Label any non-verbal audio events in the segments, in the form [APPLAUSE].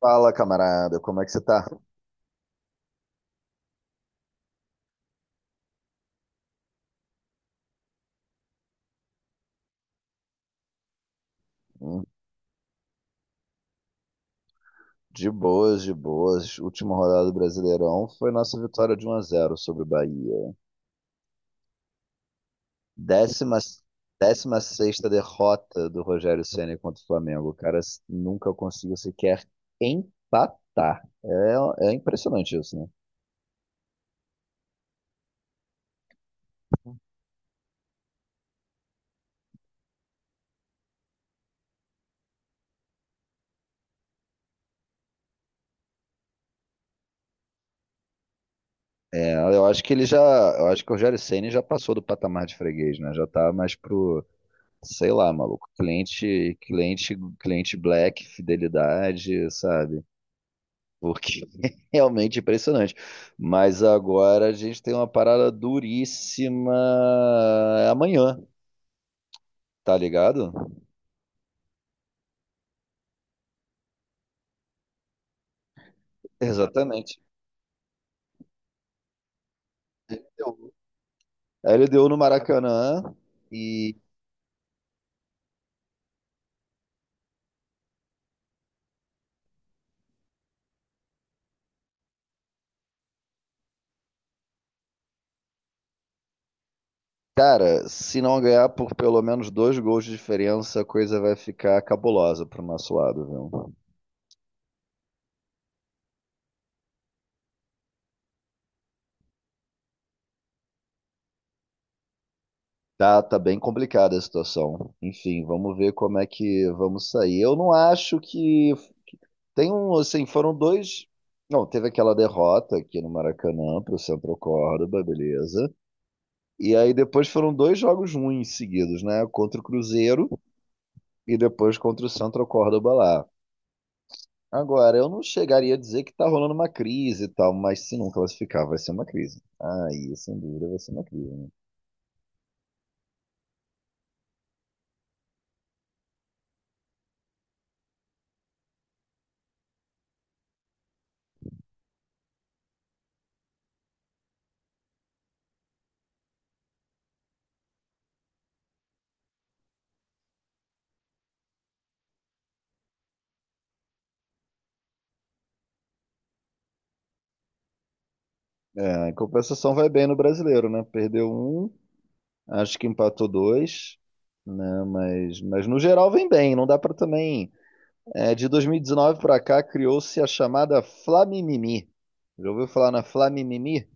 Fala, camarada, como é que você tá? Hum, De boas, de boas. Última rodada do Brasileirão foi nossa vitória de um a zero sobre o Bahia. Décima, décima sexta derrota do Rogério Ceni contra o Flamengo. O cara nunca conseguiu sequer empatar. É, é impressionante isso, né? Eu acho que eu acho que o Rogério Ceni já passou do patamar de freguês, né? Já tá mais pro, sei lá, maluco, cliente, cliente black, fidelidade, sabe? Porque [LAUGHS] é realmente impressionante. Mas agora a gente tem uma parada duríssima amanhã, tá ligado? Exatamente. A LDU no Maracanã e, cara, se não ganhar por pelo menos dois gols de diferença, a coisa vai ficar cabulosa pro nosso lado, viu? Tá bem complicada a situação. Enfim, vamos ver como é que vamos sair. Eu não acho que Tem um, assim, foram dois. Não, teve aquela derrota aqui no Maracanã para o Central Córdoba, beleza. E aí depois foram dois jogos ruins seguidos, né? Contra o Cruzeiro e depois contra o Central Córdoba lá. Agora, eu não chegaria a dizer que tá rolando uma crise e tal, mas se não classificar, vai ser uma crise. Aí, sem dúvida, vai ser uma crise, né? É, em compensação, vai bem no brasileiro, né? Perdeu um, acho que empatou dois, né? Mas no geral, vem bem. Não dá para também É, de 2019 para cá criou-se a chamada Flamimimi. Já ouviu falar na Flamimimi?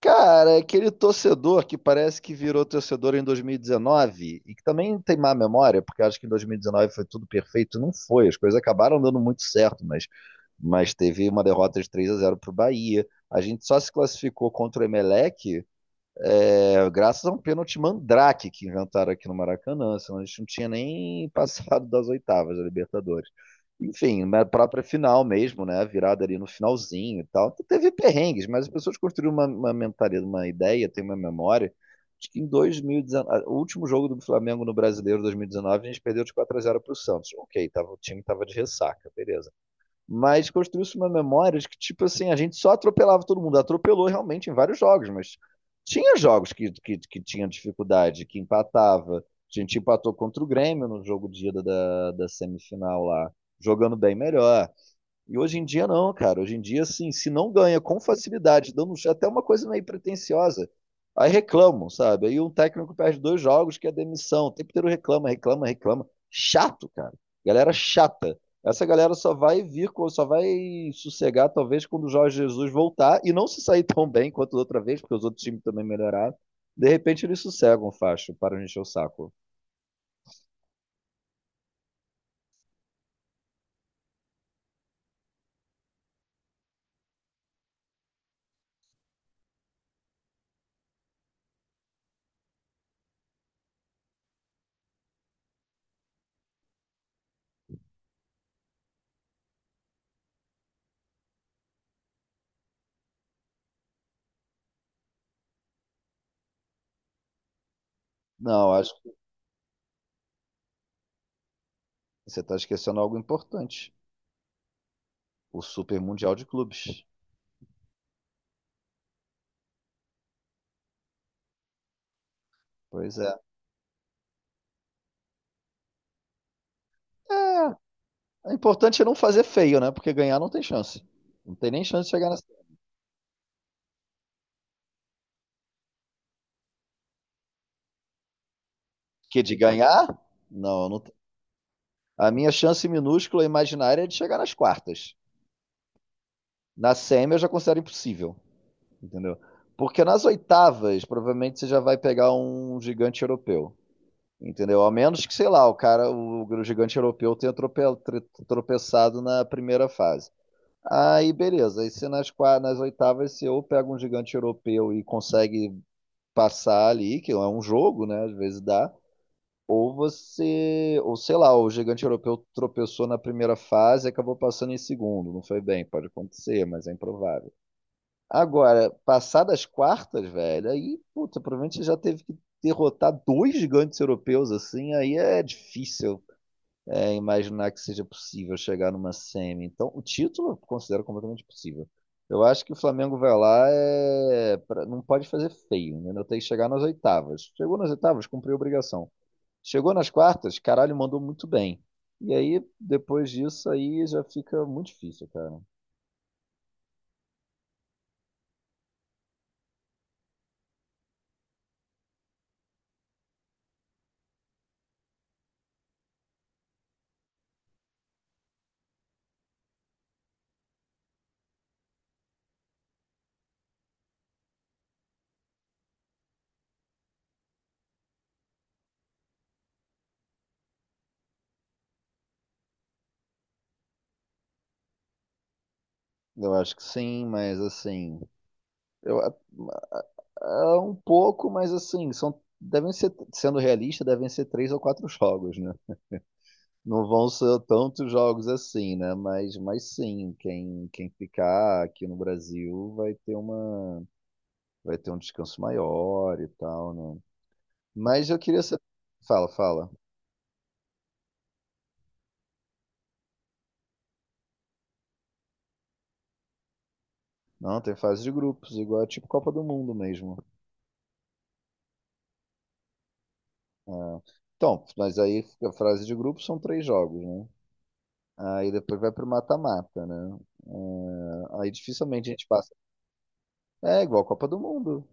Cara, é aquele torcedor que parece que virou torcedor em 2019 e que também tem má memória, porque acho que em 2019 foi tudo perfeito. Não foi, as coisas acabaram dando muito certo, mas teve uma derrota de 3-0 para o Bahia. A gente só se classificou contra o Emelec, é, graças a um pênalti mandrake que inventaram aqui no Maracanã, senão a gente não tinha nem [LAUGHS] passado das oitavas da Libertadores. Enfim, na própria final mesmo, né? A virada ali no finalzinho e tal. Então, teve perrengues, mas as pessoas construíram uma mentalidade, uma ideia, tem uma memória. Acho que em 2019, o último jogo do Flamengo no Brasileiro 2019, a gente perdeu de 4-0 para o Santos. Ok, o time estava de ressaca, beleza, mas construiu-se uma memória de que, tipo assim, a gente só atropelava todo mundo. Atropelou realmente em vários jogos, mas tinha jogos que tinha dificuldade, que empatava. A gente empatou contra o Grêmio no jogo dia da semifinal lá, jogando bem melhor. E hoje em dia não, cara. Hoje em dia, assim, se não ganha com facilidade, dando até uma coisa meio pretensiosa, aí reclamam, sabe? Aí um técnico perde dois jogos que é demissão. O tempo inteiro reclama. Chato, cara. Galera chata. Essa galera só vai só vai sossegar, talvez, quando o Jorge Jesus voltar e não se sair [LAUGHS] tão bem quanto da outra vez, porque os outros times também melhoraram. De repente eles sossegam, facho, para de encher o saco. Não, acho que você está esquecendo algo importante. O Super Mundial de Clubes. Pois é. É, o importante é não fazer feio, né? Porque ganhar não tem chance. Não tem nem chance de chegar nas. Que de ganhar? Não, não tem. A minha chance minúscula imaginária é de chegar nas quartas. Na semi eu já considero impossível, entendeu? Porque nas oitavas, provavelmente você já vai pegar um gigante europeu, entendeu? A menos que, sei lá, o cara, o gigante europeu tenha tropeçado na primeira fase. Aí, beleza. Aí, se nas oitavas, se eu pego um gigante europeu e consegue passar ali, que é um jogo, né? Às vezes dá. Ou sei lá, o gigante europeu tropeçou na primeira fase e acabou passando em segundo. Não foi bem, pode acontecer, mas é improvável. Agora, passar das quartas, velho, aí, puta, provavelmente já teve que derrotar dois gigantes europeus assim, aí é difícil imaginar que seja possível chegar numa semi. Então, o título eu considero completamente possível. Eu acho que o Flamengo vai lá, é, não pode fazer feio, né? Tem que chegar nas oitavas. Chegou nas oitavas, cumpriu a obrigação. Chegou nas quartas, caralho, mandou muito bem. E aí, depois disso, aí já fica muito difícil, cara. Eu acho que sim, mas assim, eu, é um pouco, mas assim, são, devem ser, sendo realista, devem ser três ou quatro jogos, né? Não vão ser tantos jogos assim, né? Mas sim, quem ficar aqui no Brasil vai ter vai ter um descanso maior e tal, né? Mas eu queria saber. Fala, fala. Não, tem fase de grupos, igual é tipo Copa do Mundo mesmo. É. Então, mas aí a fase de grupos são três jogos, né? Aí depois vai pro mata-mata, né? É, aí dificilmente a gente passa. É igual a Copa do Mundo,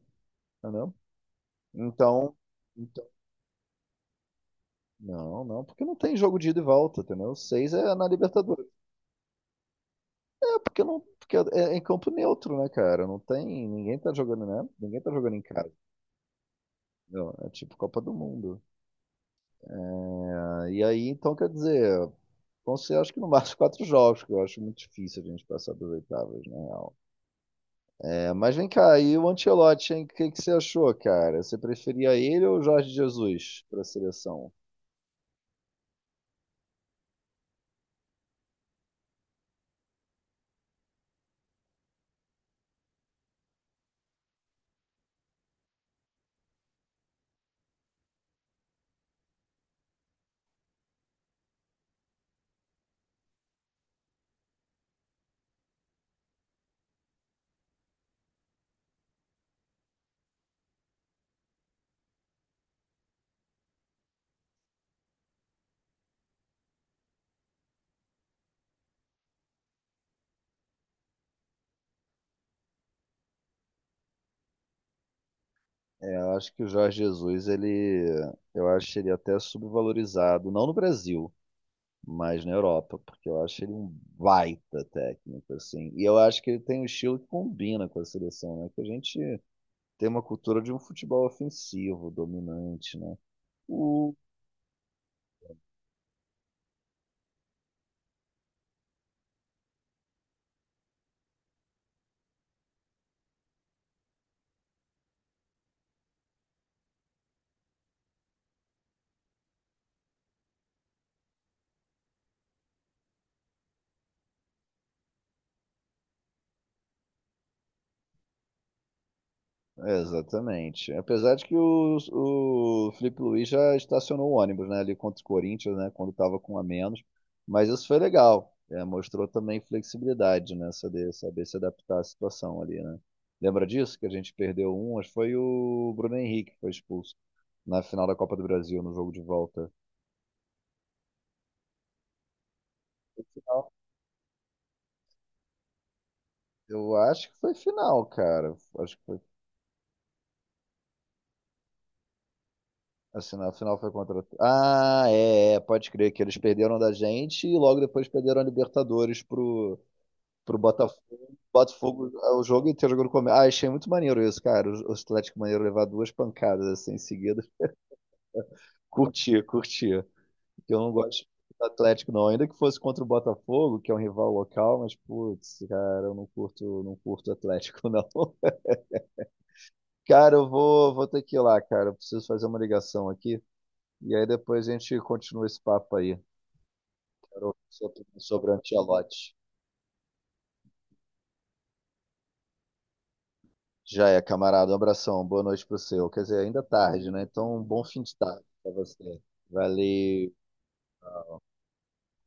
entendeu? Então. Não, não, porque não tem jogo de ida e volta, entendeu? Seis é na Libertadores. É, porque não, porque é em campo neutro, né, cara? Não tem, ninguém tá jogando, né? Ninguém tá jogando em casa. Entendeu? É tipo Copa do Mundo. Ah, e aí, então, quer dizer, vão ser acho que no máximo [LAUGHS] quatro jogos, que eu acho muito difícil a gente passar das oitavas, na real. É, mas vem cá, e o Ancelotti, hein? O que que você achou, cara? Você preferia ele ou o Jorge Jesus pra seleção? É, eu acho que o Jorge Jesus, eu acho ele até subvalorizado, não no Brasil, mais na Europa, porque eu acho ele um baita técnico, assim. E eu acho que ele tem um estilo que combina com a seleção, né? Que a gente tem uma cultura de um futebol ofensivo, dominante, né? O... é, exatamente. Apesar de que o Felipe Luiz já estacionou o ônibus, né? Ali contra o Corinthians, né? Quando estava com um a menos. Mas isso foi legal. É, mostrou também flexibilidade, né? Saber se adaptar à situação ali, né? Lembra disso? Que a gente perdeu um, acho que foi o Bruno Henrique que foi expulso na final da Copa do Brasil, no jogo de volta. Foi final? Eu acho que foi final, cara. Acho que foi. Assim, na final foi contra. Ah, é, é, pode crer que eles perderam da gente e logo depois perderam a Libertadores pro, pro Botafogo. Botafogo, ah, o jogo inteiro jogando com. Ah, achei muito maneiro isso, cara. O Atlético Mineiro levar duas pancadas assim em seguida. Curtia, curtia. Eu não gosto do Atlético, não. Ainda que fosse contra o Botafogo, que é um rival local, mas, putz, cara, eu não curto, não curto o Atlético, [LAUGHS] não. Cara, eu vou ter que ir lá, cara. Eu preciso fazer uma ligação aqui. E aí depois a gente continua esse papo aí. Quero ouvir sua opinião sobre o Ancelotti. Já é, camarada. Um abração. Boa noite pro seu. Quer dizer, ainda é tarde, né? Então, um bom fim de tarde pra você. Valeu.